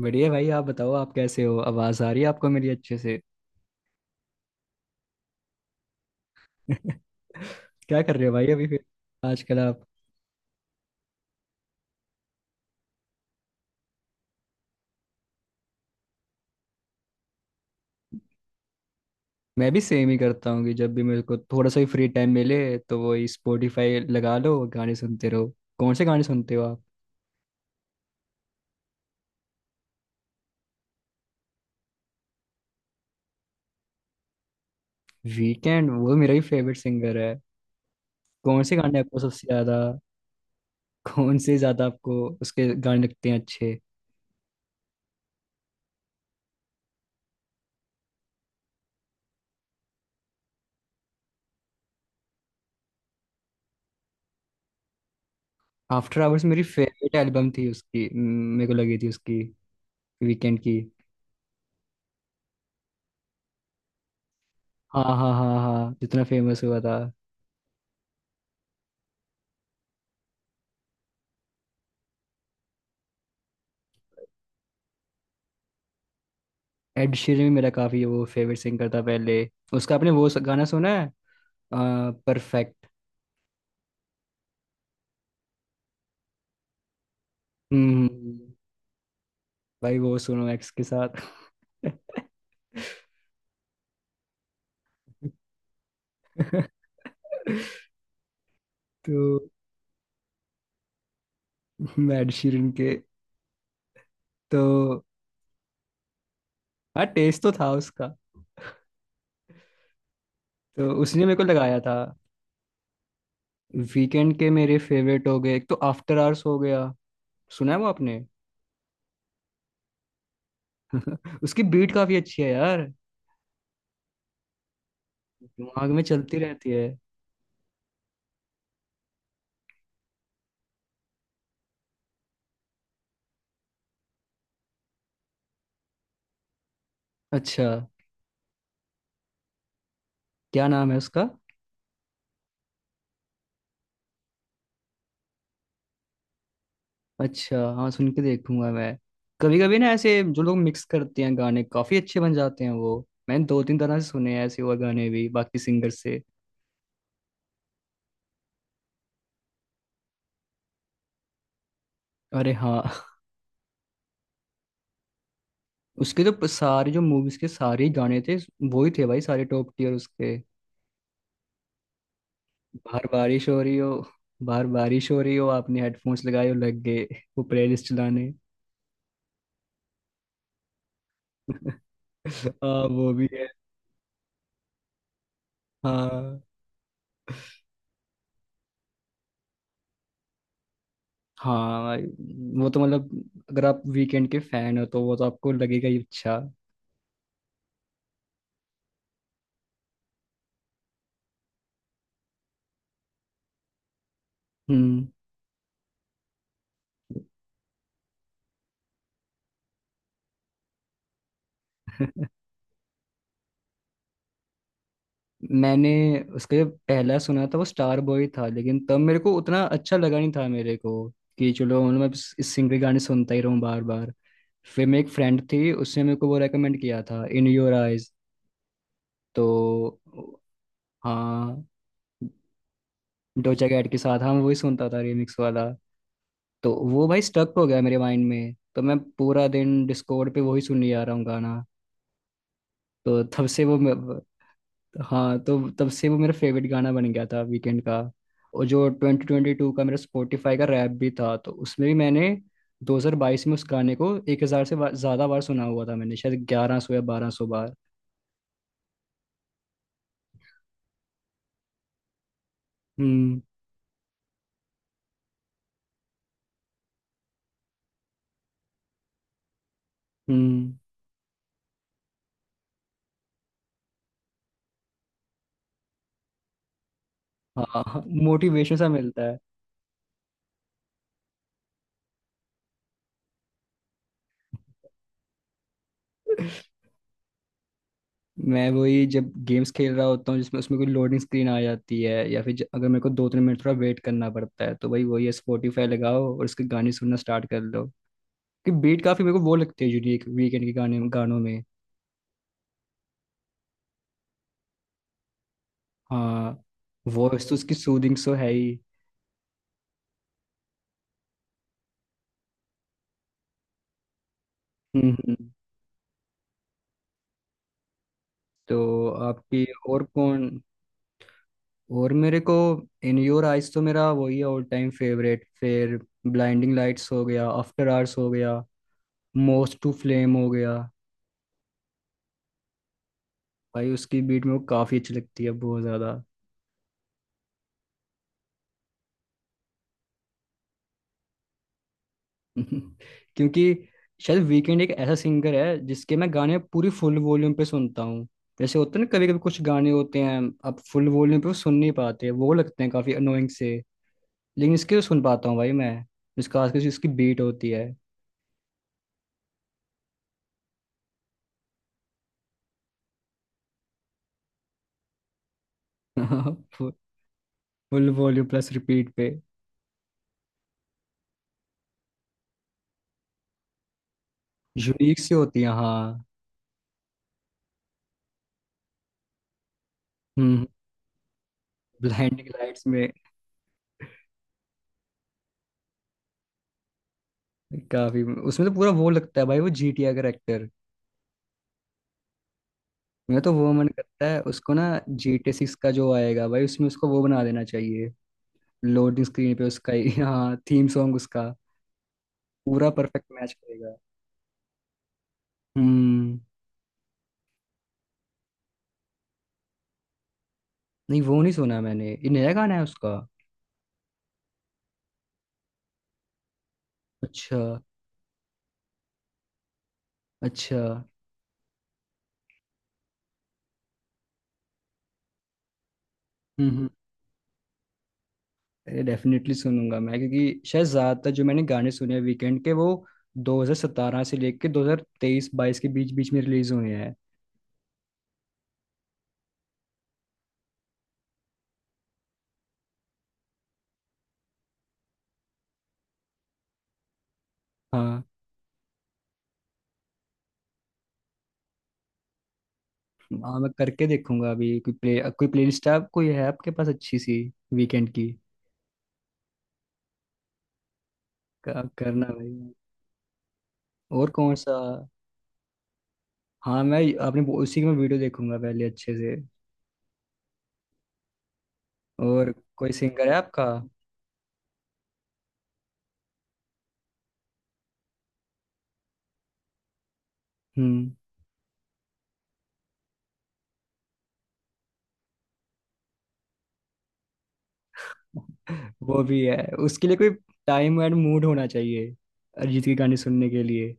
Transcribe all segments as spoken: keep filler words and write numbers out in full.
बढ़िया भाई, आप बताओ आप कैसे हो। आवाज आ रही है आपको मेरी अच्छे से? क्या कर रहे हो भाई अभी फिर? आजकल आप। मैं भी सेम ही करता हूँ कि जब भी मेरे को थोड़ा सा ही फ्री टाइम मिले तो वही, स्पॉटिफाई लगा लो, गाने सुनते रहो। कौन से गाने सुनते हो आप? वीकेंड वो मेरा ही फेवरेट सिंगर है। कौन से गाने आपको सबसे ज्यादा? कौन से ज्यादा आपको उसके गाने लगते हैं अच्छे? आफ्टर आवर्स मेरी फेवरेट एल्बम थी उसकी म, मेरे को लगी थी उसकी, वीकेंड की। हाँ हाँ हाँ हाँ, जितना फेमस हुआ था। एड शीरन भी मेरा काफी वो फेवरेट सिंगर था पहले। उसका आपने वो स- गाना सुना है, परफेक्ट? हम्म। भाई वो सुनो एक्स के साथ। तो मैं एड शीरन के। तो हाँ, टेस्ट तो था उसका, तो उसने मेरे को लगाया था। वीकेंड के मेरे फेवरेट हो गए, एक तो आफ्टर आवर्स हो गया। सुना है वो आपने? उसकी बीट काफी अच्छी है यार। दिमाग में चलती रहती है। अच्छा, क्या नाम है उसका? अच्छा हाँ, सुन के देखूंगा मैं। कभी कभी ना ऐसे जो लोग मिक्स करते हैं, गाने काफी अच्छे बन जाते हैं वो। मैंने दो तीन तरह से सुने हैं ऐसे और गाने भी, बाकी सिंगर से। अरे हाँ। उसके तो सारे, जो मूवीज के सारे ही गाने थे, वो ही थे भाई सारे, टॉप टीयर उसके। बाहर बारिश हो रही हो, बाहर बारिश हो रही हो, आपने हेडफोन्स लगाए हो, लग गए वो प्लेलिस्ट चलाने। हाँ वो भी है। हाँ, हाँ भाई, वो तो मतलब, अगर आप वीकेंड के फैन हो तो वो तो आपको लगेगा ही अच्छा। हम्म। मैंने उसका जो पहला सुना था वो स्टार बॉय था, लेकिन तब मेरे को उतना अच्छा लगा नहीं था मेरे को कि चलो मतलब मैं इस इस सिंगर के गाने सुनता ही रहूं बार बार। फिर मेरी एक फ्रेंड थी, उसने मेरे को वो रेकमेंड किया था, इन योर आइज। तो हाँ, डोजा कैट के साथ, हाँ मैं वही सुनता था रिमिक्स वाला। तो वो भाई स्टक हो गया मेरे माइंड में, तो मैं पूरा दिन डिस्कॉर्ड पे वही सुनने जा रहा हूँ गाना। तो तब से वो, हाँ तो तब से वो मेरा फेवरेट गाना बन गया था वीकेंड का। और जो ट्वेंटी ट्वेंटी टू का मेरा स्पॉटिफाई का रैप भी था, तो उसमें भी मैंने दो हज़ार बाईस में उस गाने को हज़ार से बा- ज़्यादा बार सुना हुआ था। मैंने शायद ग्यारह सौ या बारह सौ बार। हम्म। हम्म। हाँ मोटिवेशन सा मिलता है। मैं वही जब गेम्स खेल रहा होता हूँ जिसमें, उसमें कोई लोडिंग स्क्रीन आ जाती है या फिर ज- अगर मेरे को दो तीन मिनट थोड़ा वेट करना पड़ता है, तो भाई वही है, स्पॉटिफाई लगाओ और उसके गाने सुनना स्टार्ट कर दो। कि बीट काफी मेरे को वो लगती है यूनिक वीकेंड के गाने गानों में। हाँ। वॉइस तो उसकी सूदिंग सो है ही। हम्म हम्म। तो आपकी और कौन? और मेरे को इन योर आइज तो मेरा वही है ऑल टाइम फेवरेट। फिर ब्लाइंडिंग लाइट्स हो गया, आफ्टर आवर्स हो गया, मोस्ट टू फ्लेम हो गया। भाई उसकी बीट मेरे को काफ़ी अच्छी लगती है, बहुत ज़्यादा। क्योंकि शायद वीकेंड एक ऐसा सिंगर है जिसके मैं गाने पूरी फुल वॉल्यूम पे सुनता हूँ। जैसे होते हैं ना कभी कभी कुछ गाने होते हैं आप फुल वॉल्यूम पे वो सुन नहीं पाते, वो लगते हैं काफ़ी अनोइंग से, लेकिन इसके सुन पाता हूँ भाई मैं। इसका खास कर इसकी बीट होती है। फुल वॉल्यूम प्लस रिपीट पे। यूनिक सी होती है हाँ। हम्म। ब्लाइंडिंग लाइट्स में काफी, उसमें तो पूरा वो लगता है भाई, वो जीटीए का एक्टर। मैं तो वो मन करता है उसको ना, जीटीए सिक्स का जो आएगा भाई, उसमें उसको वो बना देना चाहिए। लोडिंग स्क्रीन पे उसका ही, हाँ, थीम सॉन्ग उसका पूरा परफेक्ट मैच करेगा। हम्म। नहीं वो नहीं सुना मैंने, ये नया गाना है उसका? अच्छा अच्छा। हम्म हम्म। अरे डेफिनेटली सुनूंगा मैं, क्योंकि शायद ज्यादातर जो मैंने गाने सुने हैं वीकेंड के, वो दो हज़ार सत्रह से लेके दो हज़ार तेईस बाईस के बीच बीच में रिलीज हुए हैं। हाँ। हाँ, मैं करके देखूंगा। अभी कोई प्ले, कोई प्लेलिस्ट आप, कोई है आपके पास अच्छी सी, वीकेंड की? क- करना भाई। और कौन सा? हाँ मैं, आपने वो- उसी में वीडियो देखूंगा पहले अच्छे से। और कोई सिंगर है आपका? हम्म। वो भी है, उसके लिए कोई टाइम एंड मूड होना चाहिए अरिजीत के गाने सुनने के लिए।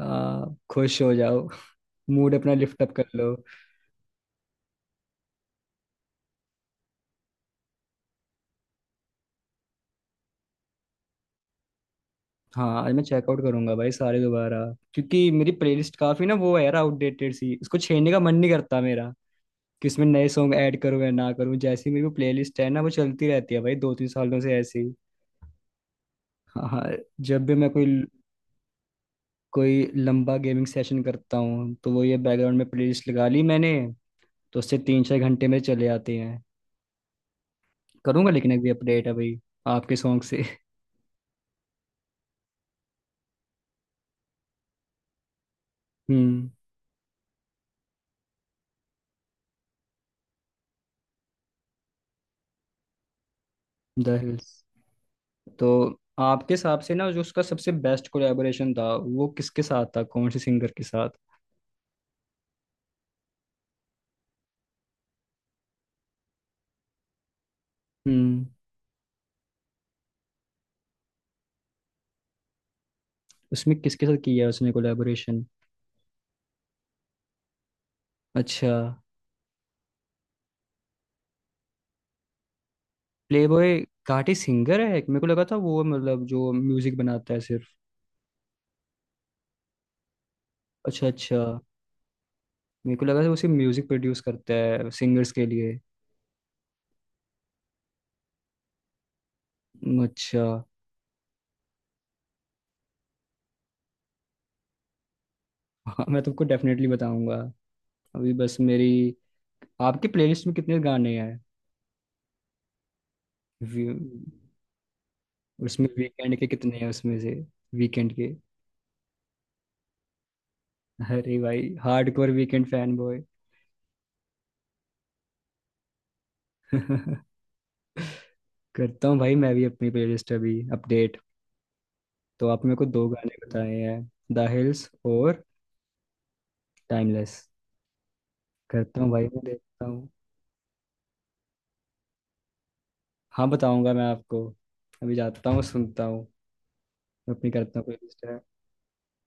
आ, खुश हो जाओ, मूड अपना लिफ्ट अप कर लो। हाँ आज मैं चेकआउट करूंगा भाई, सारे दोबारा। क्योंकि मेरी प्लेलिस्ट काफी ना वो है यार आउटडेटेड सी, इसको छेड़ने का मन नहीं करता मेरा कि इसमें नए सॉन्ग ऐड करूँ या ना करूँ, जैसी मेरी वो प्लेलिस्ट है ना वो चलती रहती है भाई दो तीन सालों से ऐसी ही। हाँ हाँ, जब भी मैं कोई कोई लंबा गेमिंग सेशन करता हूँ तो वो, ये बैकग्राउंड में प्लेलिस्ट लगा ली मैंने, तो उससे तीन चार घंटे में चले आते हैं। करूंगा लेकिन अभी अपडेट है भाई आपके सॉन्ग से। हम्म। The hills. तो आपके हिसाब से ना, जो उसका सबसे बेस्ट कोलैबोरेशन था वो किसके साथ था, कौन से सिंगर के साथ? हम्म। उसमें किसके साथ किया उसने कोलैबोरेशन? अच्छा। प्लेबॉय घाटी सिंगर है मेरे को लगा था वो, मतलब जो म्यूजिक बनाता है सिर्फ। अच्छा अच्छा। मेरे को लगा था वो सिर्फ म्यूजिक प्रोड्यूस करता है सिंगर्स के लिए। हम्म, अच्छा। हाँ, मैं तुमको डेफिनेटली बताऊंगा। अभी बस मेरी, आपके प्लेलिस्ट में कितने गाने हैं? वी- उसमें वीकेंड के कितने हैं उसमें से? वीकेंड के, अरे भाई हार्डकोर वीकेंड फैन बॉय। करता हूँ भाई मैं भी अपनी प्लेलिस्ट अभी अपडेट। तो आपने मेरे को दो गाने बताए हैं, द हिल्स और टाइमलेस। करता हूँ भाई मैं, देखता हूँ। हाँ बताऊंगा मैं आपको, अभी जाता हूँ सुनता हूँ, अपनी करता हूँ प्लेलिस्ट है।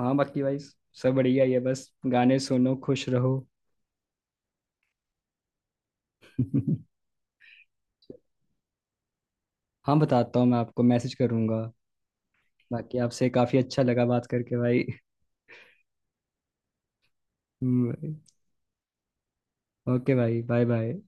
हाँ बाकी भाई सब बढ़िया ही है, बस गाने सुनो खुश रहो। हाँ बताता हूँ, मैं आपको मैसेज करूंगा। बाकी आपसे काफ़ी अच्छा लगा बात करके भाई। ओके भाई, बाय बाय।